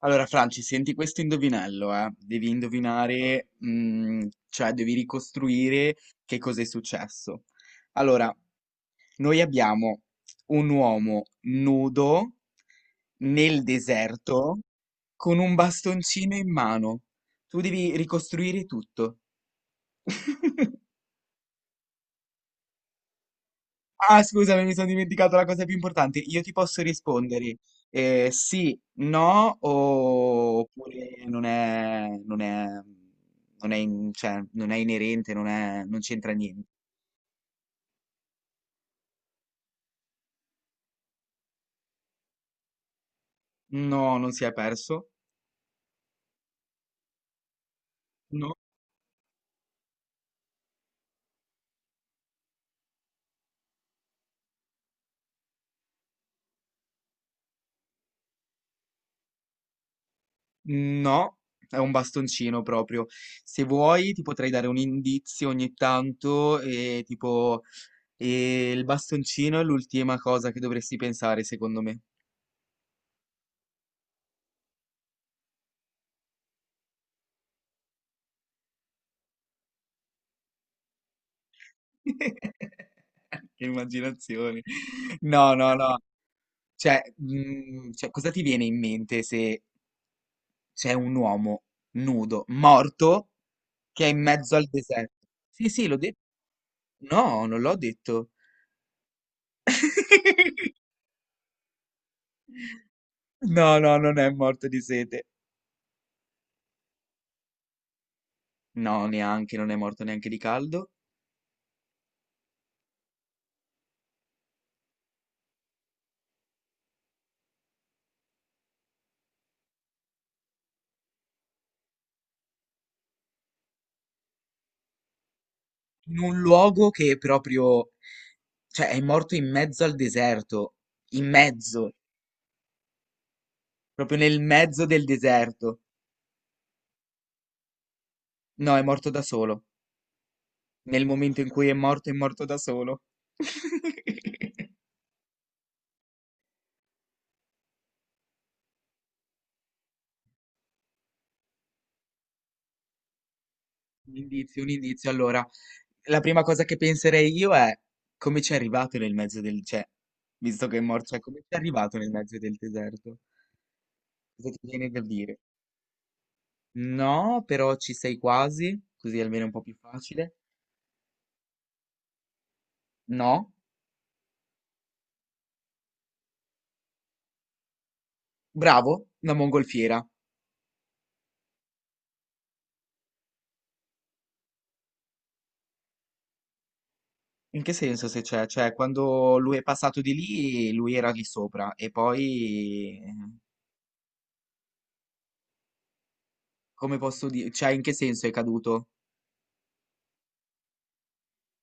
Allora, Franci, senti questo indovinello, eh? Devi indovinare, cioè devi ricostruire che cosa è successo. Allora, noi abbiamo un uomo nudo nel deserto con un bastoncino in mano. Tu devi ricostruire tutto. Ah, scusami, mi sono dimenticato la cosa più importante. Io ti posso rispondere sì, no, oppure non è, cioè, non è inerente, non c'entra niente. No, non si è perso. No, no, è un bastoncino proprio. Se vuoi, ti potrei dare un indizio ogni tanto, e tipo, il bastoncino è l'ultima cosa che dovresti pensare, secondo me. Che immaginazione. No, no, no. Cioè, cosa ti viene in mente se c'è un uomo nudo, morto, che è in mezzo al deserto? Sì, sì, l'ho detto. No, non l'ho detto. No, no, non è morto di sete. No, neanche, non è morto neanche di caldo. In un luogo che è proprio, cioè, è morto in mezzo al deserto. In mezzo, proprio nel mezzo del deserto. No, è morto da solo. Nel momento in cui è morto da solo. Un indizio, un indizio. Allora, la prima cosa che penserei io è come ci è arrivato nel mezzo del... cioè, visto che è morto, cioè, come ci è arrivato nel mezzo del deserto? Cosa ti viene da dire? No, però ci sei quasi, così almeno è un po' più facile. No, bravo, una mongolfiera. In che senso se c'è? Cioè, quando lui è passato di lì, lui era lì sopra e poi... eh. Come posso dire? Cioè, in che senso è caduto?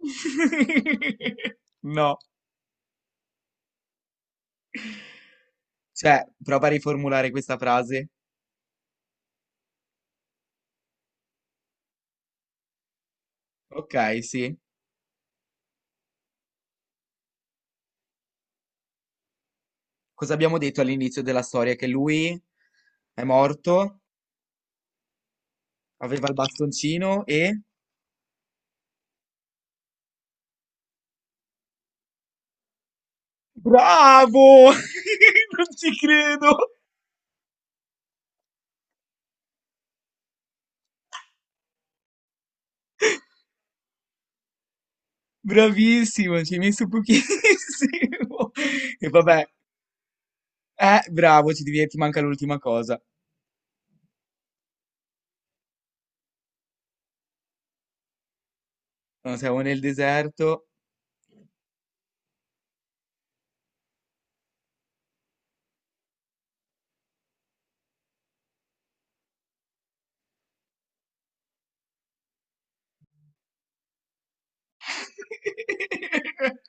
No, cioè, prova a riformulare questa frase. Ok, sì. Cosa abbiamo detto all'inizio della storia? Che lui è morto, aveva il bastoncino e... Bravo! Non ci credo! Bravissimo, ci hai messo pochissimo. E vabbè, bravo, ci devi, ti manca l'ultima cosa. No, siamo nel deserto.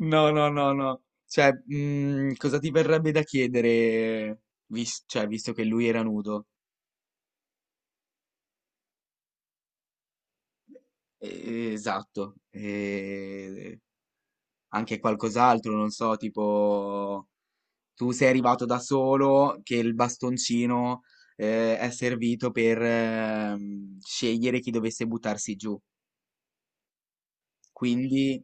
No, no, no, no. Cioè, cosa ti verrebbe da chiedere, cioè, visto che lui era nudo? Esatto. Anche qualcos'altro, non so, tipo, tu sei arrivato da solo, che il bastoncino, è servito per, scegliere chi dovesse buttarsi giù. Quindi,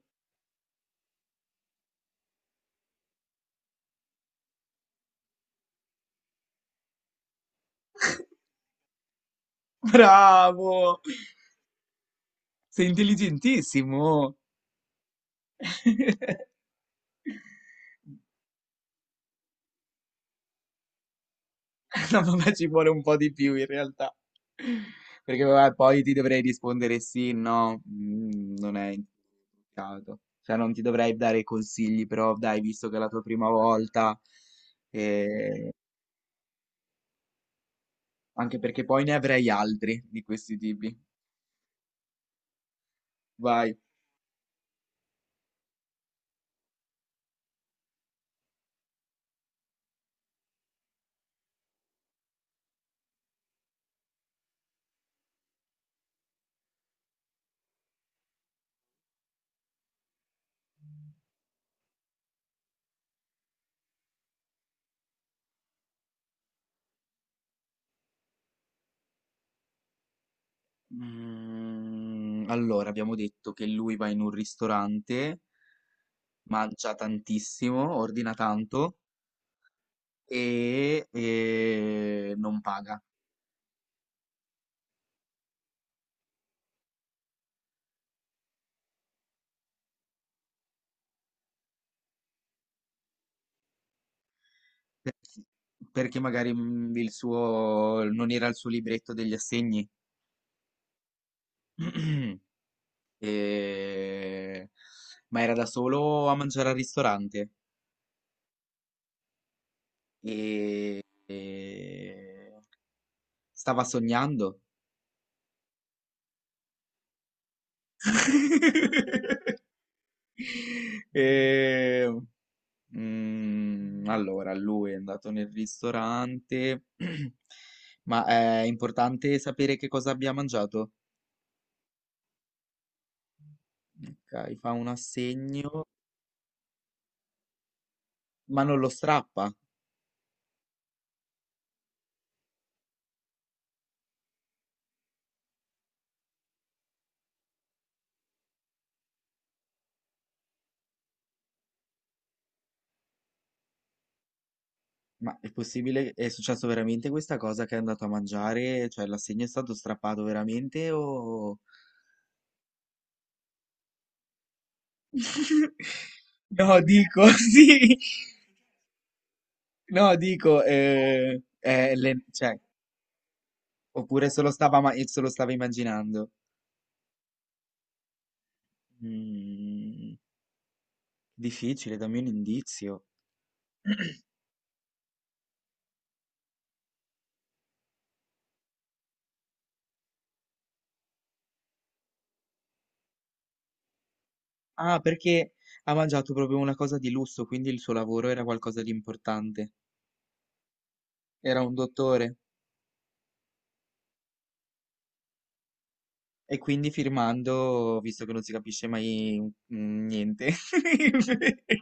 bravo! Sei intelligentissimo! No, vabbè, ci vuole un po' di più in realtà. Perché vabbè, poi ti dovrei rispondere sì, no, non è indicato. Cioè, non ti dovrei dare consigli, però dai, visto che è la tua prima volta, eh, anche perché poi ne avrei altri di questi tipi. Vai. Allora, abbiamo detto che lui va in un ristorante, mangia tantissimo, ordina tanto e, non paga. Sì, perché magari il suo non era il suo libretto degli assegni, E- ma era da solo a mangiare al ristorante e, stava sognando. E, allora, lui è andato nel ristorante, ma è importante sapere che cosa abbia mangiato. Ok, fa un assegno, ma non lo strappa. Ma è possibile? È successo veramente questa cosa che è andato a mangiare? Cioè l'assegno è stato strappato veramente o... No, dico, sì. No, dico, cioè, oppure se lo stava, se lo stava immaginando? Mm, difficile, dammi un indizio. Ah, perché ha mangiato proprio una cosa di lusso, quindi il suo lavoro era qualcosa di importante. Era un dottore. E quindi firmando, visto che non si capisce mai niente.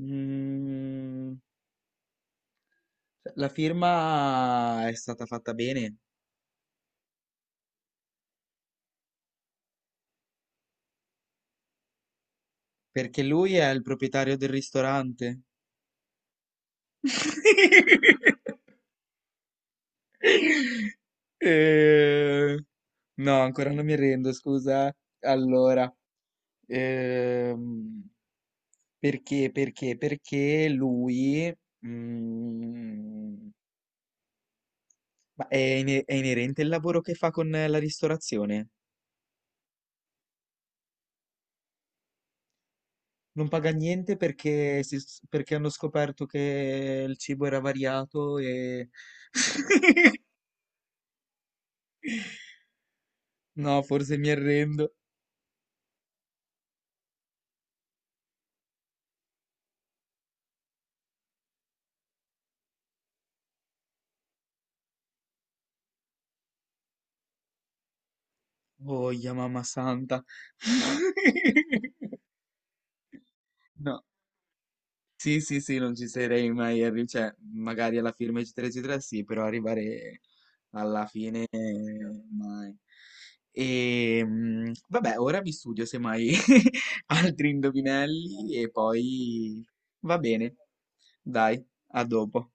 Mm, cioè, la firma è stata fatta bene perché lui è il proprietario del ristorante. Eh, no, ancora non mi rendo, scusa. Allora, ehm, perché lui, mm. Ma è, è inerente il lavoro che fa con la ristorazione? Non paga niente perché, perché hanno scoperto che il cibo era variato e... No, forse mi arrendo. Oh, mamma santa. No. Sì, sì, sì, non ci sarei mai arrivato, cioè, magari alla firma eccetera eccetera sì, però arrivare alla fine mai. E vabbè, ora vi studio semmai altri indovinelli e poi va bene. Dai, a dopo.